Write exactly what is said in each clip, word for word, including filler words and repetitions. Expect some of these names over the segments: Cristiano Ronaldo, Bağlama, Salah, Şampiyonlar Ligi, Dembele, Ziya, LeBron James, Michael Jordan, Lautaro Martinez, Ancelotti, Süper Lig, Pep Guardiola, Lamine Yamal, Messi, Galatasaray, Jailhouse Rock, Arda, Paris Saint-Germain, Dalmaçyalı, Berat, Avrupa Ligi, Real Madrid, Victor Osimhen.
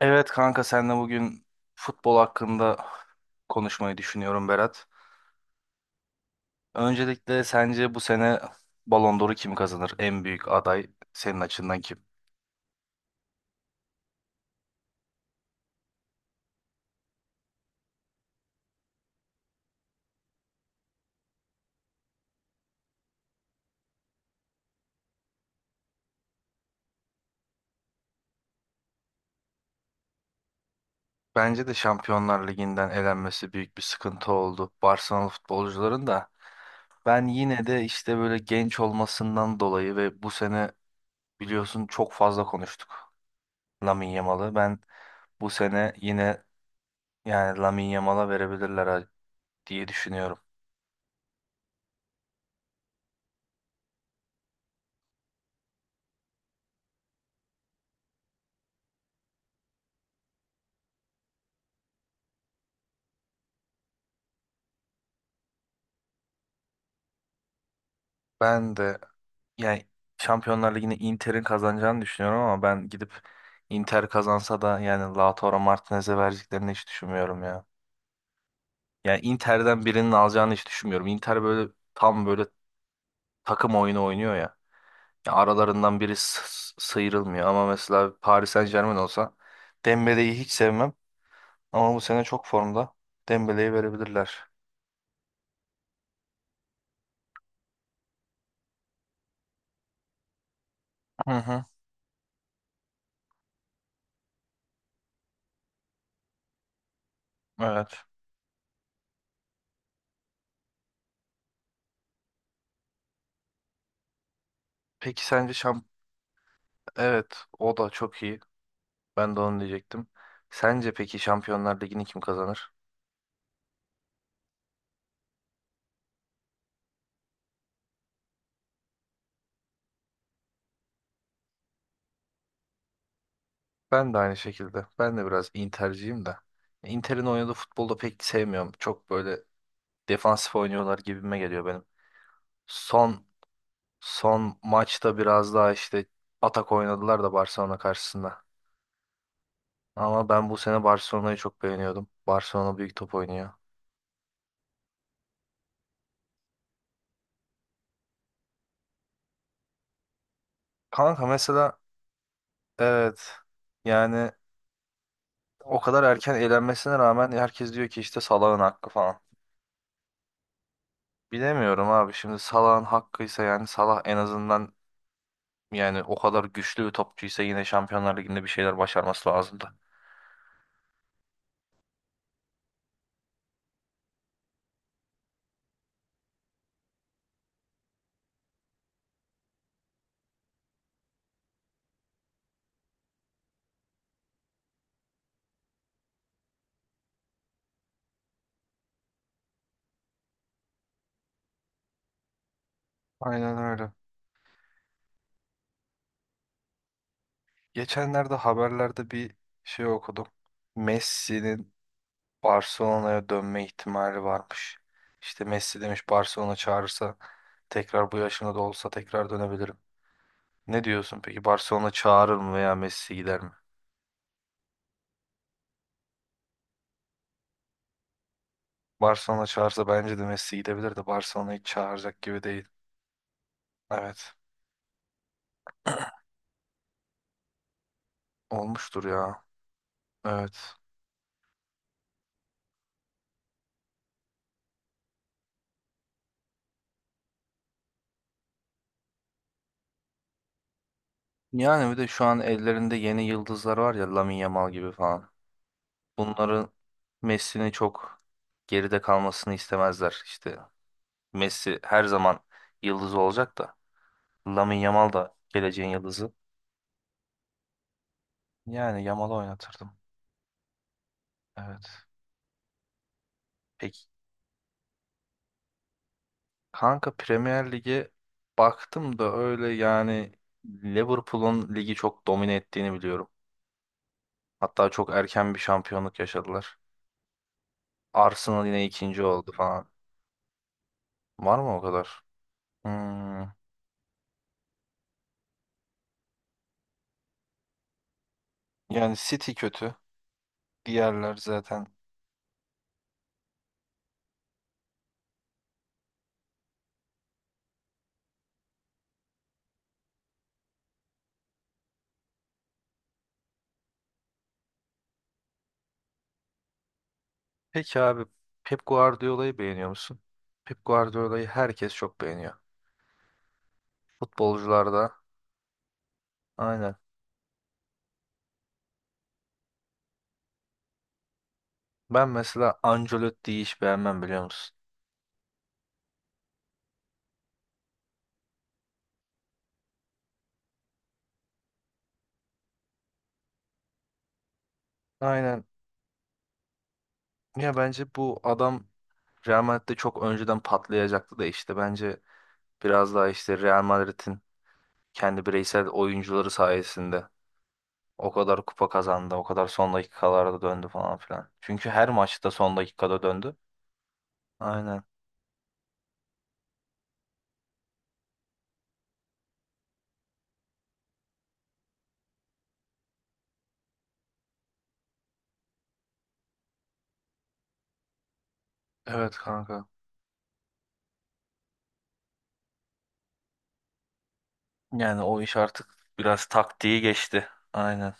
Evet kanka senle bugün futbol hakkında konuşmayı düşünüyorum Berat. Öncelikle sence bu sene Ballon d'Or'u kim kazanır? En büyük aday senin açından kim? Bence de Şampiyonlar Ligi'nden elenmesi büyük bir sıkıntı oldu Barcelona futbolcuların da. Ben yine de işte böyle genç olmasından dolayı ve bu sene biliyorsun çok fazla konuştuk Lamine Yamal'ı. Ben bu sene yine yani Lamine Yamal'a verebilirler ha- diye düşünüyorum. Ben de yani Şampiyonlar Ligi'ni Inter'in kazanacağını düşünüyorum ama ben gidip Inter kazansa da yani Lautaro Martinez'e vereceklerini hiç düşünmüyorum ya. Yani Inter'den birinin alacağını hiç düşünmüyorum. Inter böyle tam böyle takım oyunu oynuyor ya. Ya aralarından biri s- s- sıyrılmıyor ama mesela Paris Saint-Germain olsa Dembele'yi hiç sevmem ama bu sene çok formda. Dembele'yi verebilirler. Hı hı, evet. Peki sence şamp... Evet, o da çok iyi. Ben de onu diyecektim. Sence peki Şampiyonlar Ligi'ni kim kazanır? Ben de aynı şekilde. Ben de biraz Inter'ciyim de. Inter'in oynadığı futbolda pek sevmiyorum. Çok böyle defansif oynuyorlar gibime geliyor benim. Son son maçta biraz daha işte atak oynadılar da Barcelona karşısında. Ama ben bu sene Barcelona'yı çok beğeniyordum. Barcelona büyük top oynuyor. Kanka mesela evet yani o kadar erken elenmesine rağmen herkes diyor ki işte Salah'ın hakkı falan. Bilemiyorum abi şimdi Salah'ın hakkıysa yani Salah en azından yani o kadar güçlü bir topçuysa yine Şampiyonlar Ligi'nde bir şeyler başarması lazımdı. Aynen öyle. Geçenlerde haberlerde bir şey okudum. Messi'nin Barcelona'ya dönme ihtimali varmış. İşte Messi demiş Barcelona çağırırsa tekrar bu yaşımda da olsa tekrar dönebilirim. Ne diyorsun peki Barcelona çağırır mı veya Messi gider mi? Barcelona çağırsa bence de Messi gidebilir de Barcelona hiç çağıracak gibi değil. Evet olmuştur ya. Evet. Yani bir de şu an ellerinde yeni yıldızlar var ya Lamine Yamal gibi falan. Bunların Messi'nin çok geride kalmasını istemezler. İşte Messi her zaman yıldız olacak da Lamine Yamal da geleceğin yıldızı. Yani Yamal'ı oynatırdım. Evet. Peki kanka Premier Lig'e baktım da öyle yani Liverpool'un ligi çok domine ettiğini biliyorum. Hatta çok erken bir şampiyonluk yaşadılar. Arsenal yine ikinci oldu falan. Var mı o kadar? Hmm. Yani City kötü. Diğerler zaten. Peki abi Pep Guardiola'yı beğeniyor musun? Pep Guardiola'yı herkes çok beğeniyor. Futbolcularda aynen. Ben mesela Ancelotti'yi hiç beğenmem biliyor musun? Aynen. Ya bence bu adam Real Madrid'de çok önceden patlayacaktı da işte bence biraz daha işte Real Madrid'in kendi bireysel oyuncuları sayesinde o kadar kupa kazandı, o kadar son dakikalarda döndü falan filan. Çünkü her maçta son dakikada döndü. Aynen. Evet kanka. Yani o iş artık biraz taktiği geçti. Aynen.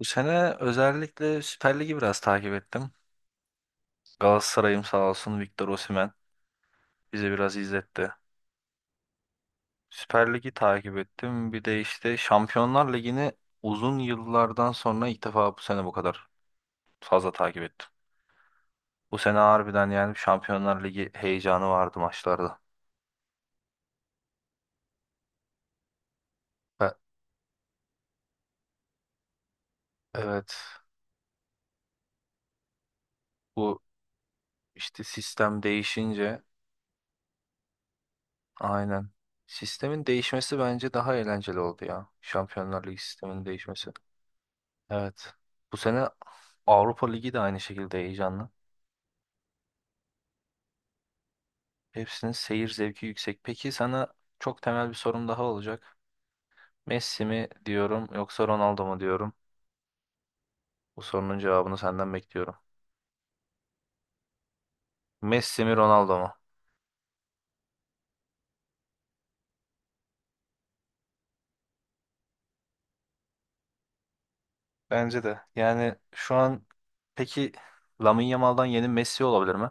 Bu sene özellikle Süper Lig'i biraz takip ettim. Galatasaray'ım sağ olsun Victor Osimhen bize biraz izletti. Süper Lig'i takip ettim. Bir de işte Şampiyonlar Ligi'ni uzun yıllardan sonra ilk defa bu sene bu kadar fazla takip ettim. Bu sene harbiden yani Şampiyonlar Ligi heyecanı vardı maçlarda. Ve- Evet. Bu işte sistem değişince aynen. Sistemin değişmesi bence daha eğlenceli oldu ya. Şampiyonlar Ligi sisteminin değişmesi. Evet. Bu sene Avrupa Ligi de aynı şekilde heyecanlı. Hepsinin seyir zevki yüksek. Peki sana çok temel bir sorum daha olacak. Messi mi diyorum yoksa Ronaldo mu diyorum? Bu sorunun cevabını senden bekliyorum. Messi mi Ronaldo mu? Bence de. Yani şu an peki Lamine Yamal'dan yeni Messi olabilir mi?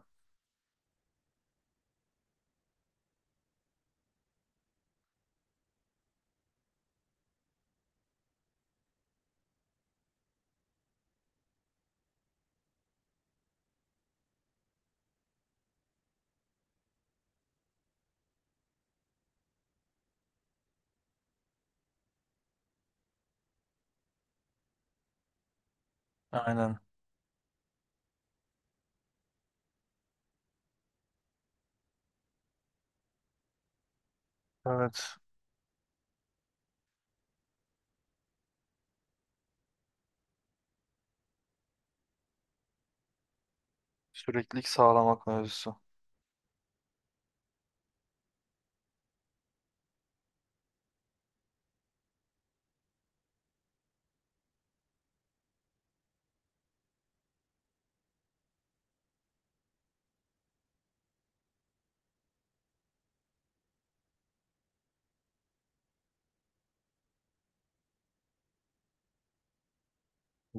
Aynen. Evet. Süreklilik sağlamak mevzusu.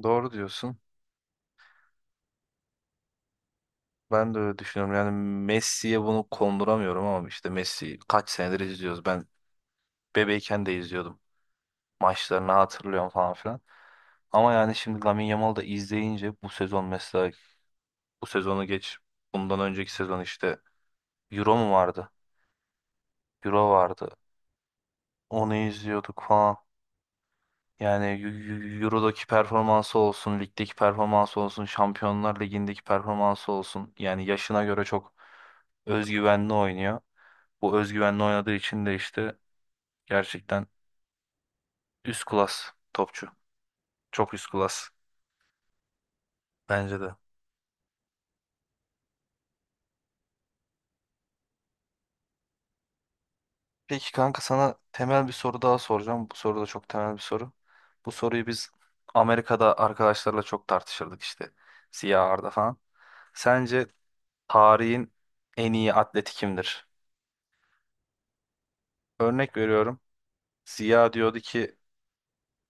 Doğru diyorsun. Ben de öyle düşünüyorum. Yani Messi'ye bunu konduramıyorum ama işte Messi kaç senedir izliyoruz. Ben bebeyken de izliyordum. Maçlarını hatırlıyorum falan filan. Ama yani şimdi Lamine Yamal'ı da izleyince bu sezon mesela bu sezonu geç. Bundan önceki sezon işte Euro mu vardı? Euro vardı. Onu izliyorduk falan. Yani Eu- Eu- Euro'daki performansı olsun, ligdeki performansı olsun, Şampiyonlar Ligi'ndeki performansı olsun. Yani yaşına göre çok özgüvenli oynuyor. Bu özgüvenle oynadığı için de işte gerçekten üst klas topçu. Çok üst klas bence de. Peki kanka sana temel bir soru daha soracağım. Bu soru da çok temel bir soru. Bu soruyu biz Amerika'da arkadaşlarla çok tartışırdık işte. Siyah Arda falan. Sence tarihin en iyi atleti kimdir? Örnek veriyorum. Ziya diyordu ki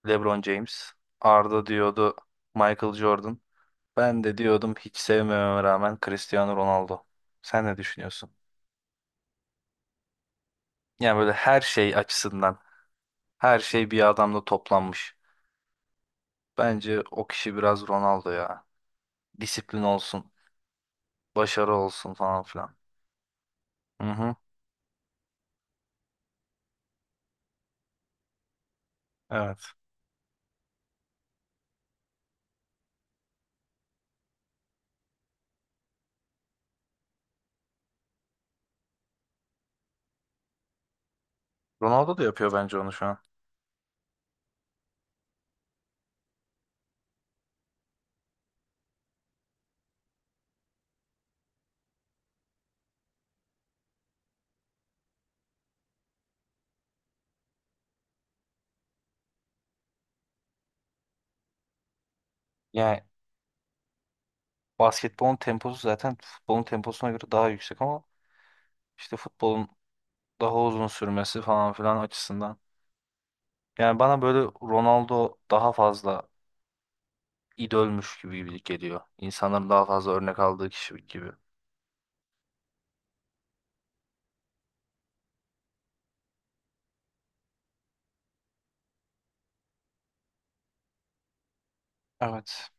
LeBron James. Arda diyordu Michael Jordan. Ben de diyordum hiç sevmememe rağmen Cristiano Ronaldo. Sen ne düşünüyorsun? Yani böyle her şey açısından her şey bir adamda toplanmış. Bence o kişi biraz Ronaldo ya. Disiplin olsun, başarı olsun falan filan. Hı hı. Evet. Ronaldo da yapıyor bence onu şu an. Yani basketbolun temposu zaten futbolun temposuna göre daha yüksek ama işte futbolun daha uzun sürmesi falan filan açısından. Yani bana böyle Ronaldo daha fazla idolmüş gibi geliyor. İnsanların daha fazla örnek aldığı kişi gibi. Evet.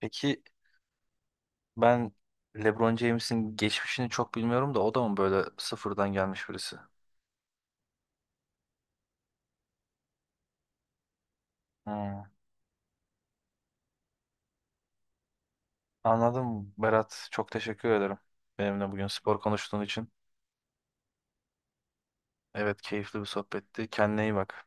Peki ben LeBron James'in geçmişini çok bilmiyorum da o da mı böyle sıfırdan gelmiş birisi? Hmm. Anladım Berat. Çok teşekkür ederim benimle bugün spor konuştuğun için. Evet keyifli bir sohbetti. Kendine iyi bak.